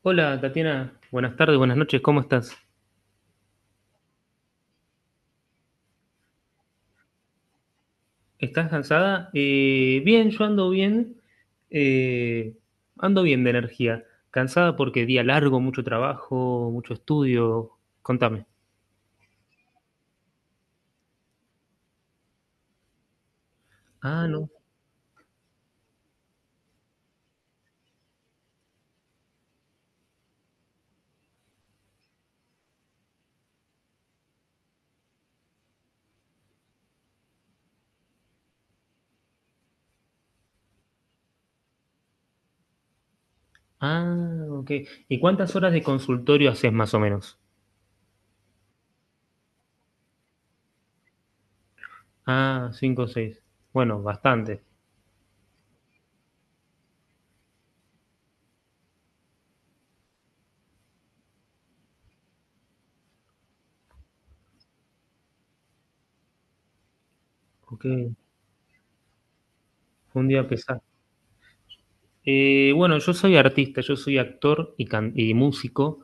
Hola, Tatiana, buenas tardes, buenas noches, ¿cómo estás? ¿Estás cansada? Bien, yo eh, ando bien de energía. Cansada porque día largo, mucho trabajo, mucho estudio. Contame. Ah, no. Ah, ok. ¿Y cuántas horas de consultorio haces más o menos? Ah, cinco o seis. Bueno, bastante. Ok, un día pesado. Bueno, yo soy artista, yo soy actor y músico.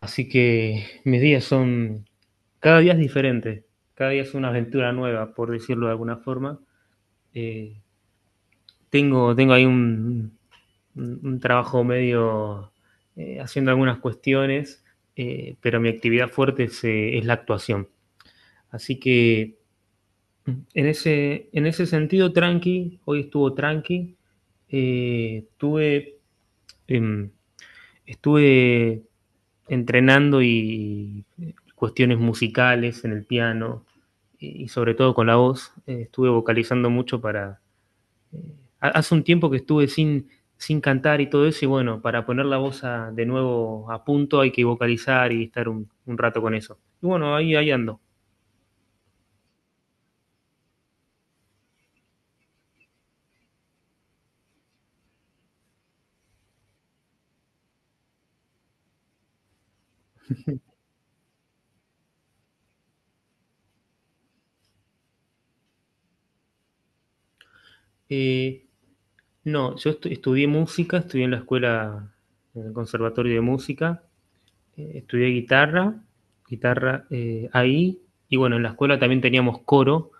Así que mis días son, cada día es diferente, cada día es una aventura nueva, por decirlo de alguna forma. Eh, tengo ahí un trabajo medio haciendo algunas cuestiones, pero mi actividad fuerte es la actuación. Así que en ese sentido, tranqui, hoy estuvo tranqui. Eh, tuve, em, estuve entrenando y cuestiones musicales en el piano y, sobre todo, con la voz. Estuve vocalizando mucho para... eh, hace un tiempo que estuve sin cantar y todo eso, y bueno, para poner la voz de nuevo a punto hay que vocalizar y estar un rato con eso. Y bueno, ahí ando. Eh, no, yo estudié música, estudié en la escuela, en el conservatorio de música, estudié guitarra, ahí, y bueno, en la escuela también teníamos coro.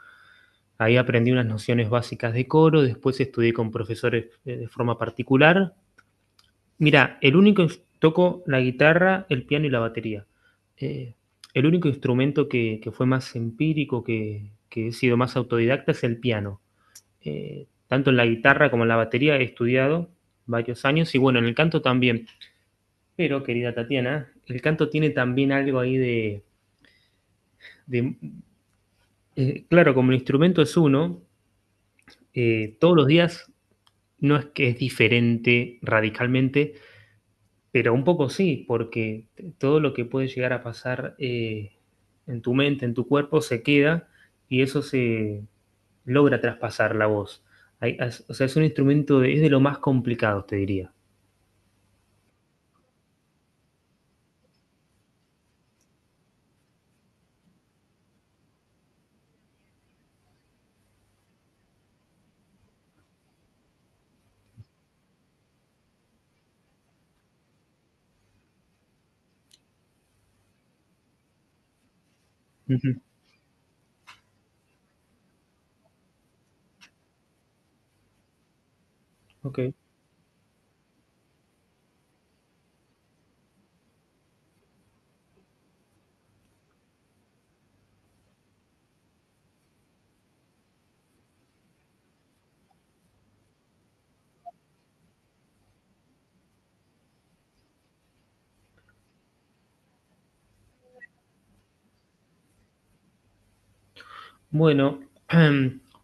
Ahí aprendí unas nociones básicas de coro, después estudié con profesores de forma particular. Mira, el único toco la guitarra, el piano y la batería. Eh, el único instrumento que fue más empírico, que he sido más autodidacta, es el piano. Tanto en la guitarra como en la batería he estudiado varios años, y bueno, en el canto también. Pero, querida Tatiana, el canto tiene también algo ahí de... de- claro, como el instrumento es uno, todos los días no es que es diferente radicalmente, pero un poco sí, porque todo lo que puede llegar a pasar en tu mente, en tu cuerpo, se queda y eso se logra traspasar la voz. O sea, es un instrumento, de, es de lo más complicado, te diría. Ujú. Ok. Bueno,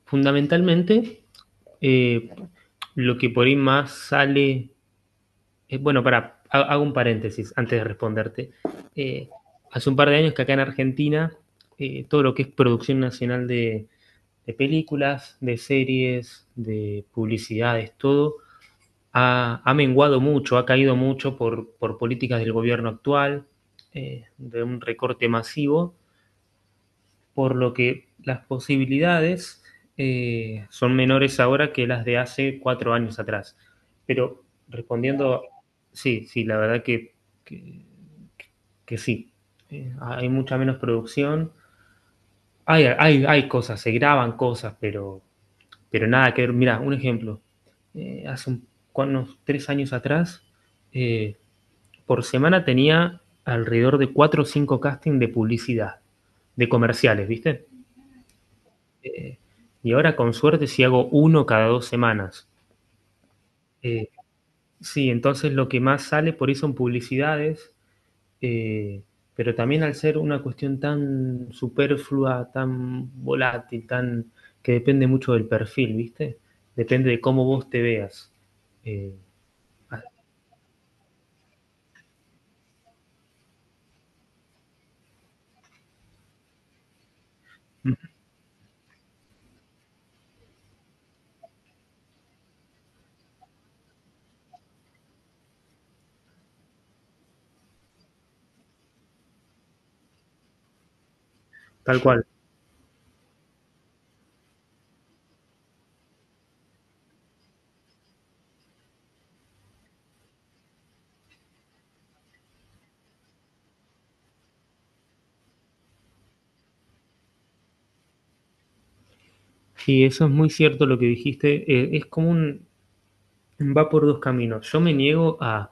fundamentalmente, eh, lo que por ahí más sale bueno, para, hago un paréntesis antes de responderte. Eh, hace un par de años que acá en Argentina, todo lo que es producción nacional de películas, de series, de publicidades, todo, menguado mucho, ha caído mucho por políticas del gobierno actual, de un recorte masivo, por lo que las posibilidades son menores ahora que las de hace cuatro años atrás. Pero respondiendo, sí, sí, la verdad que, que sí. Hay mucha menos producción. Hay hay cosas, se graban cosas, pero nada que ver. Mira, un ejemplo. Eh, hace un, unos tres años atrás, eh, por semana tenía alrededor de cuatro o cinco castings de publicidad, de comerciales, ¿viste? Eh, y ahora con suerte si hago uno cada dos semanas. Eh, sí, entonces lo que más sale por eso en publicidades, eh, pero también al ser una cuestión tan superflua, tan volátil, tan que depende mucho del perfil, ¿viste? Depende de cómo vos te veas. Eh, ah, tal cual. Y eso es muy cierto lo que dijiste. Es como un... va por dos caminos. Yo me niego a...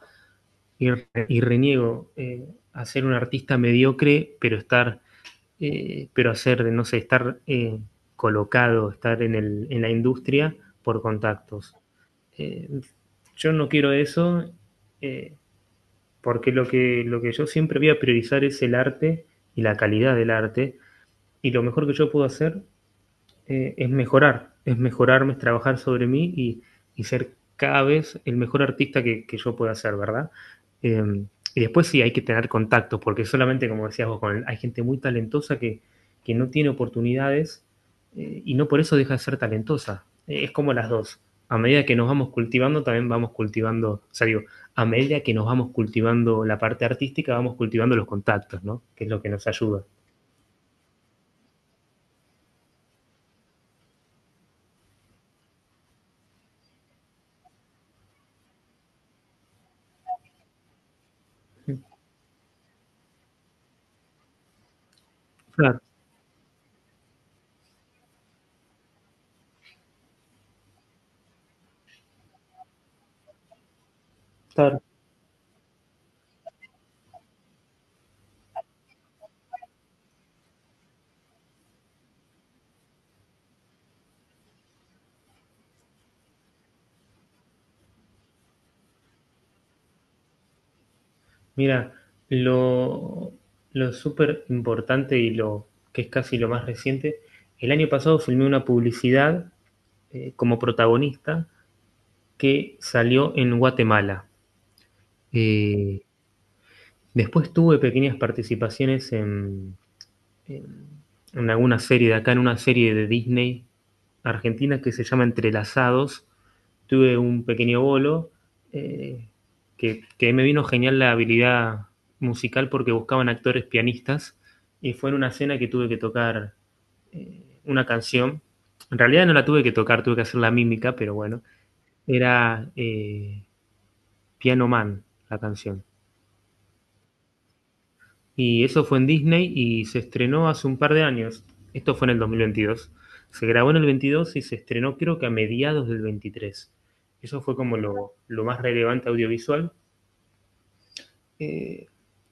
y reniego a ser un artista mediocre, pero estar pero hacer, no sé, estar colocado, estar en la industria por contactos. Eh, yo no quiero eso eh, porque lo que yo siempre voy a priorizar es el arte y la calidad del arte, y lo mejor que yo puedo hacer es mejorar, es mejorarme, es trabajar sobre mí y ser cada vez el mejor artista que yo pueda ser, ¿verdad? Eh, y después sí hay que tener contactos, porque solamente, como decías vos, con el, hay gente muy talentosa que no tiene oportunidades y no por eso deja de ser talentosa. Es como las dos. A medida que nos vamos cultivando, también vamos cultivando, o sea, digo, a medida que nos vamos cultivando la parte artística, vamos cultivando los contactos, ¿no? Que es lo que nos ayuda. Claro, claro. Mira, lo, lo súper importante y lo que es casi lo más reciente, el año pasado filmé una publicidad como protagonista que salió en Guatemala. Eh, después tuve pequeñas participaciones en, en alguna serie de acá, en una serie de Disney argentina que se llama Entrelazados. Tuve un pequeño bolo eh, que me vino genial la habilidad musical porque buscaban actores pianistas y fue en una escena que tuve que tocar una canción. En realidad no la tuve que tocar, tuve que hacer la mímica, pero bueno, era Piano Man la canción. Y eso fue en Disney y se estrenó hace un par de años. Esto fue en el 2022. Se grabó en el 22 y se estrenó creo que a mediados del 23. Eso fue como lo más relevante audiovisual. Eh,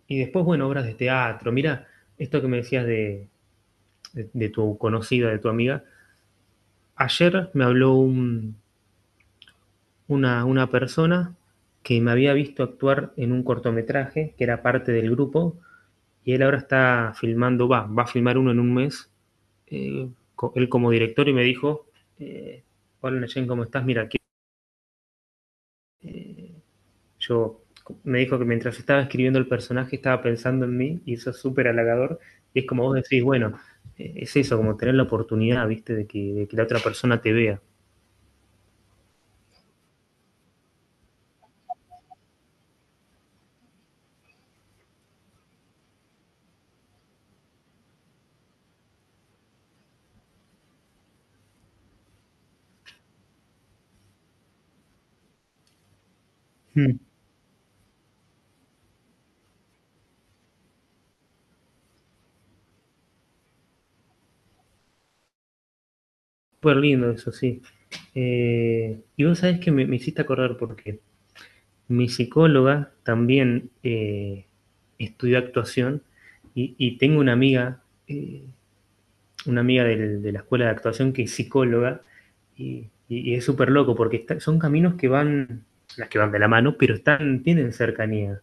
y después, bueno, obras de teatro. Mira, esto que me decías tu conocida, de tu amiga. Ayer me habló una persona que me había visto actuar en un cortometraje que era parte del grupo, y él ahora está filmando, va a filmar uno en un mes eh, él como director, y me dijo, eh, hola Neyen, ¿cómo estás? Mira, que, eh, yo me dijo que mientras estaba escribiendo el personaje estaba pensando en mí, y eso es súper halagador. Y es como vos decís, bueno, es eso, como tener la oportunidad, viste, de que la otra persona te vea. Mm. Súper lindo eso, sí. Y vos sabés que me hiciste acordar porque mi psicóloga también estudió actuación y tengo una amiga de la escuela de actuación que es psicóloga y es súper loco porque son caminos que van, las que van de la mano, pero están, tienen cercanía.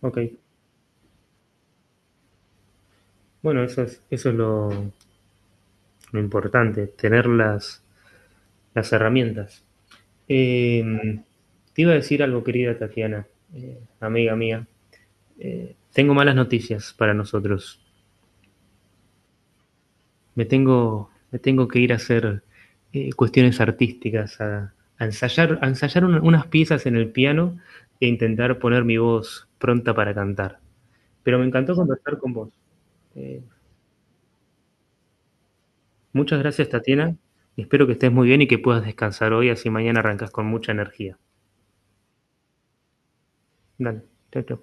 Ok, bueno, eso es lo importante, tener las herramientas. Eh, te iba a decir algo, querida Tatiana, amiga mía. Tengo malas noticias para nosotros. Me tengo que ir a hacer cuestiones artísticas, a ensayar unas piezas en el piano e intentar poner mi voz pronta para cantar. Pero me encantó conversar con vos. Eh, muchas gracias, Tatiana. Espero que estés muy bien y que puedas descansar hoy, así mañana arrancas con mucha energía. Dale, chao, chao.